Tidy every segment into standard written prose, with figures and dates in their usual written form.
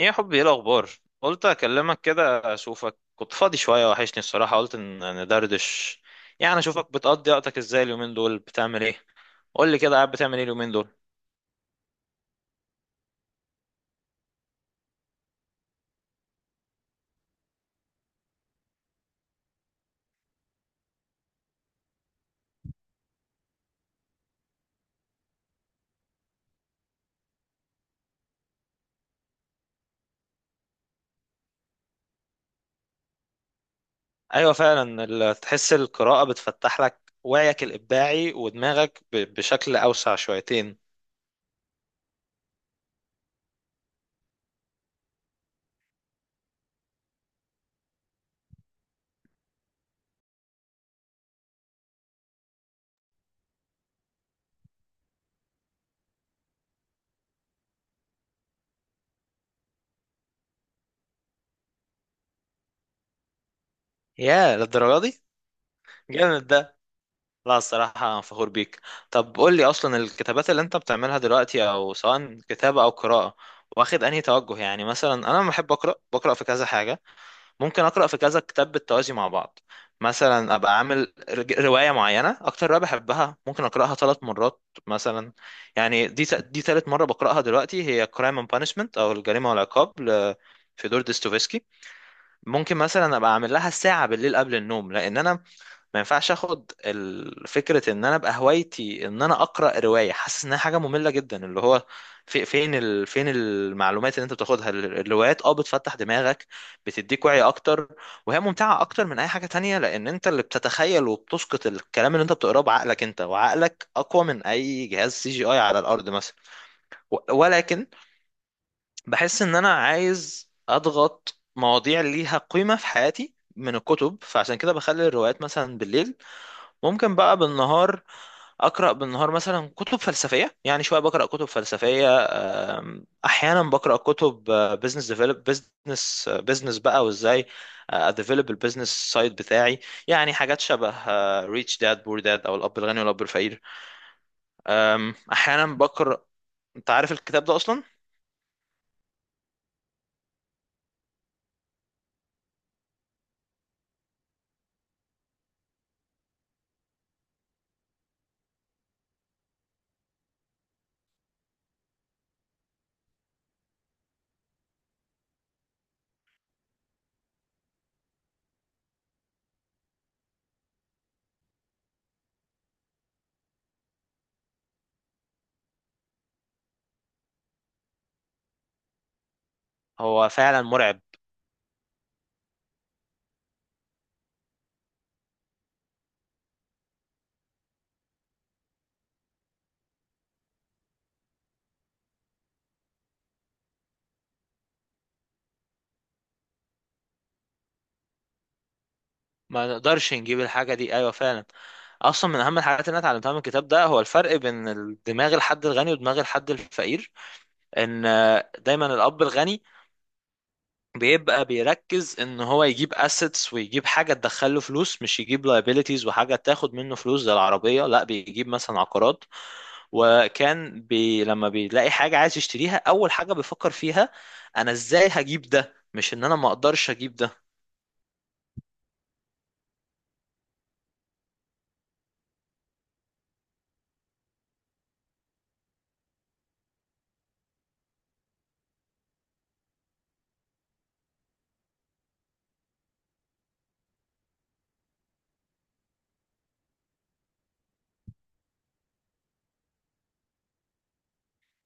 ايه يا حبي، ايه الاخبار؟ قلت اكلمك كده اشوفك، كنت فاضي شويه، وحشني الصراحه، قلت ان ندردش. يعني اشوفك بتقضي وقتك ازاي اليومين دول، بتعمل ايه؟ قول لي كده، قاعد بتعمل ايه اليومين دول؟ ايوه فعلا، تحس القراءه بتفتح لك وعيك الابداعي ودماغك بشكل اوسع شويتين. يا للدرجه دي! جامد ده. لا الصراحه أنا فخور بيك. طب قول لي اصلا، الكتابات اللي انت بتعملها دلوقتي، او سواء كتابه او قراءه، واخد انهي توجه؟ يعني مثلا انا لما بحب اقرا بقرا في كذا حاجه، ممكن اقرا في كذا كتاب بالتوازي مع بعض. مثلا ابقى عامل روايه معينه، اكتر روايه بحبها ممكن اقراها ثلاث مرات مثلا. يعني دي ثالث مره بقراها دلوقتي، هي كرايم اند بانشمنت او الجريمه والعقاب فيودور ديستوفسكي. ممكن مثلا ابقى اعمل لها ساعه بالليل قبل النوم، لان انا ما ينفعش اخد فكره ان انا ابقى هوايتي ان انا اقرا روايه حاسس انها حاجه ممله جدا، اللي هو في فين فين المعلومات اللي انت بتاخدها، الروايات بتفتح دماغك، بتديك وعي اكتر. وهي ممتعه اكتر من اي حاجه تانية، لان انت اللي بتتخيل وبتسقط الكلام اللي انت بتقراه بعقلك انت، وعقلك اقوى من اي جهاز سي جي اي على الارض مثلا. ولكن بحس ان انا عايز اضغط مواضيع ليها قيمه في حياتي من الكتب، فعشان كده بخلي الروايات مثلا بالليل. ممكن بقى بالنهار، اقرا بالنهار مثلا كتب فلسفيه، يعني شويه بقرا كتب فلسفيه. احيانا بقرا كتب بزنس، ديفلوب بزنس بقى، وازاي اديفلوب البزنس سايد بتاعي. يعني حاجات شبه ريتش داد بور داد، او الاب الغني والاب الفقير. احيانا بقرا. انت عارف الكتاب ده اصلا؟ هو فعلا مرعب. ما نقدرش نجيب الحاجه دي، ايوه فعلا. اصلا من اهم الحاجات اللي انا اتعلمتها من الكتاب ده، هو الفرق بين دماغ الحد الغني ودماغ الحد الفقير. ان دايما الاب الغني بيبقى بيركز ان هو يجيب اسيتس ويجيب حاجه تدخله فلوس، مش يجيب liabilities وحاجه تاخد منه فلوس زي العربيه، لا بيجيب مثلا عقارات. وكان لما بيلاقي حاجه عايز يشتريها، اول حاجه بيفكر فيها انا ازاي هجيب ده، مش ان انا ما اقدرش اجيب ده.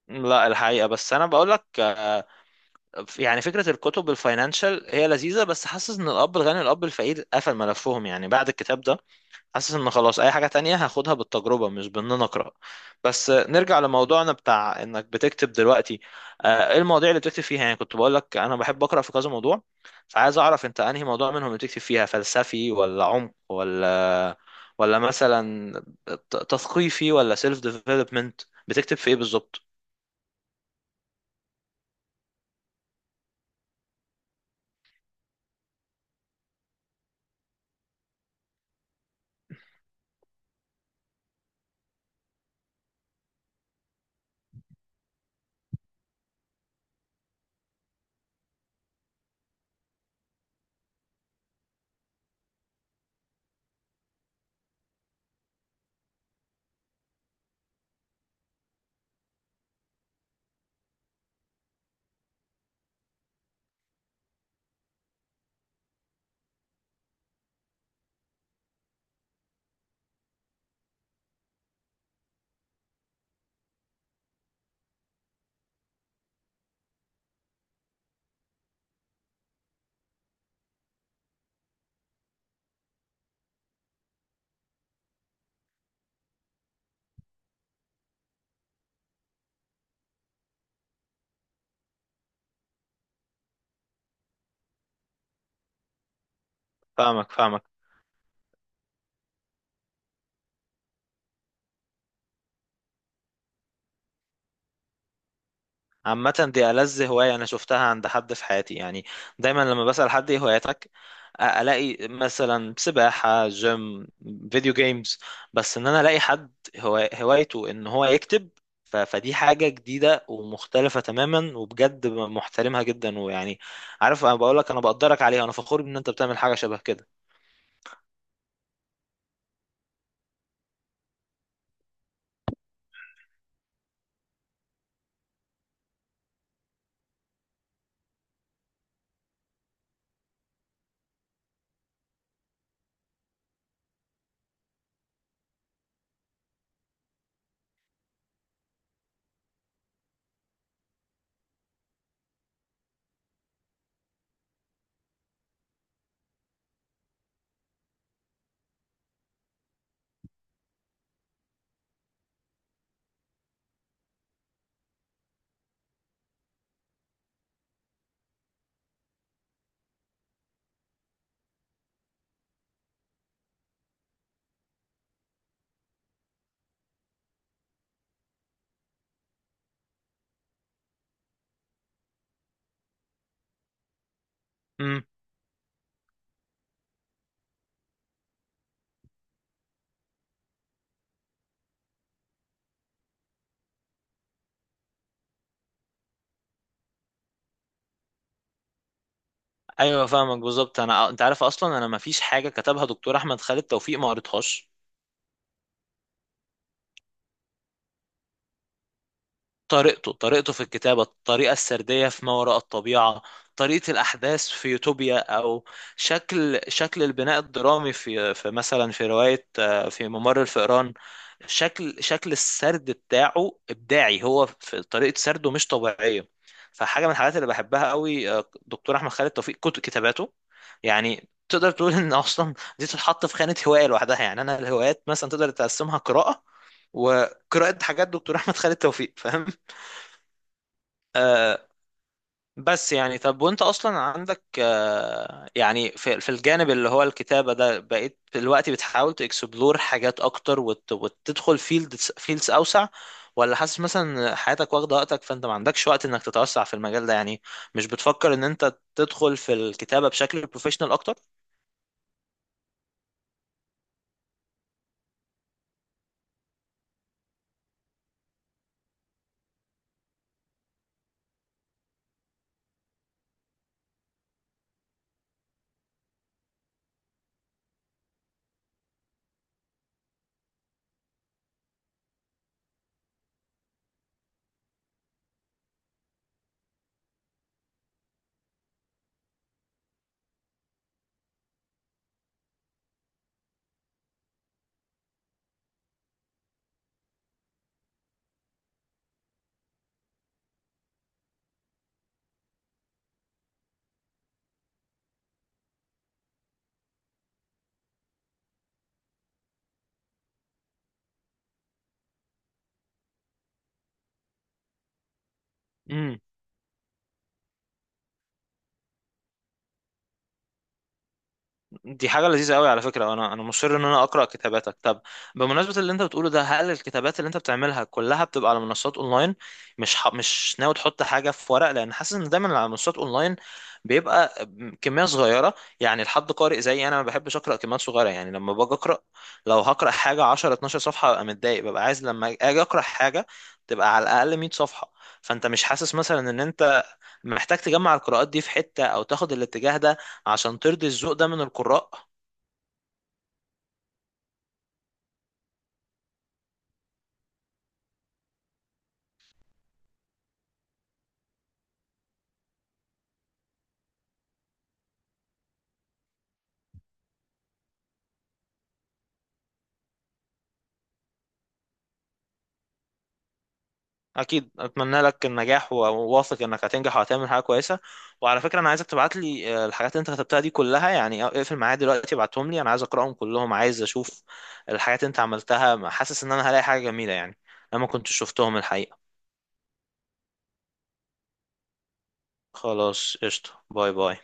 لا الحقيقه، بس انا بقول لك يعني فكره الكتب الفاينانشال هي لذيذه، بس حاسس ان الاب الغني والاب الفقير قفل ملفهم يعني بعد الكتاب ده. حاسس ان خلاص، اي حاجة تانية هاخدها بالتجربة مش بان انا اقرا. بس نرجع لموضوعنا بتاع انك بتكتب دلوقتي. ايه المواضيع اللي بتكتب فيها؟ يعني كنت بقول لك انا بحب اقرا في كذا موضوع. فعايز اعرف انت انهي موضوع منهم اللي بتكتب فيها، فلسفي ولا عمق ولا مثلا تثقيفي ولا سيلف ديفلوبمنت. بتكتب في ايه بالظبط؟ فاهمك، فاهمك. عامة، دي ألذ هواية أنا شفتها عند حد في حياتي يعني. دايما لما بسأل حد إيه هواياتك، ألاقي مثلا سباحة، جيم، فيديو جيمز. بس إن أنا ألاقي حد هوايته إن هو يكتب، فدي حاجة جديدة ومختلفة تماما، وبجد محترمها جدا ويعني، عارف، أنا بقولك أنا بقدرك عليها، أنا فخور بإن أنت بتعمل حاجة شبه كده. امم. ايوه فاهمك بالظبط، انا انت عارف، اصلا انا ما فيش حاجه كتبها دكتور احمد خالد توفيق ما قريتهاش. طريقته طريقته في الكتابة، الطريقة السردية في ما وراء الطبيعة، طريقة الأحداث في يوتوبيا، أو شكل شكل البناء الدرامي في مثلا في رواية في ممر الفئران. شكل شكل السرد بتاعه إبداعي، هو في طريقة سرده مش طبيعية. فحاجة من الحاجات اللي بحبها قوي، دكتور أحمد خالد توفيق كتب كتاباته. يعني تقدر تقول إن أصلا دي تتحط في خانة هواية لوحدها، يعني أنا الهوايات مثلا تقدر تقسمها قراءة، وقراءة حاجات دكتور أحمد خالد توفيق، فاهم؟ آه بس يعني طب، وانت اصلا عندك يعني في الجانب اللي هو الكتابة ده، بقيت دلوقتي بتحاول تكسبلور حاجات اكتر، وتدخل فيلدز اوسع؟ ولا حاسس مثلا إن حياتك واخدة وقتك، فانت ما عندكش وقت انك تتوسع في المجال ده يعني؟ مش بتفكر ان انت تدخل في الكتابة بشكل بروفيشنال اكتر؟ دي حاجة لذيذة قوي، على فكرة انا مصر ان انا اقرأ كتاباتك. طب بمناسبة اللي انت بتقوله ده، هل الكتابات اللي انت بتعملها كلها بتبقى على منصات اونلاين؟ مش ناوي تحط حاجة في ورق، لان حاسس ان دايما على منصات اونلاين بيبقى كمية صغيرة، يعني لحد قارئ زي انا ما بحبش اقرأ كميات صغيرة، يعني لما باجي اقرأ، لو هقرأ حاجة 10 12 صفحة ببقى متضايق، ببقى عايز لما اجي اقرأ حاجة تبقى على الاقل 100 صفحة. فانت مش حاسس مثلا ان انت محتاج تجمع القراءات دي في حتة او تاخد الاتجاه ده عشان ترضي الذوق ده من القراء؟ اكيد، اتمنى لك النجاح، وواثق انك هتنجح وهتعمل حاجة كويسة. وعلى فكرة انا عايزك تبعت لي الحاجات اللي انت كتبتها دي كلها، يعني اقفل معايا دلوقتي ابعتهم لي، انا عايز اقراهم كلهم، عايز اشوف الحاجات اللي انت عملتها، حاسس ان انا هلاقي حاجة جميلة يعني. انا ما كنتش شفتهم الحقيقة. خلاص قشطة، باي باي.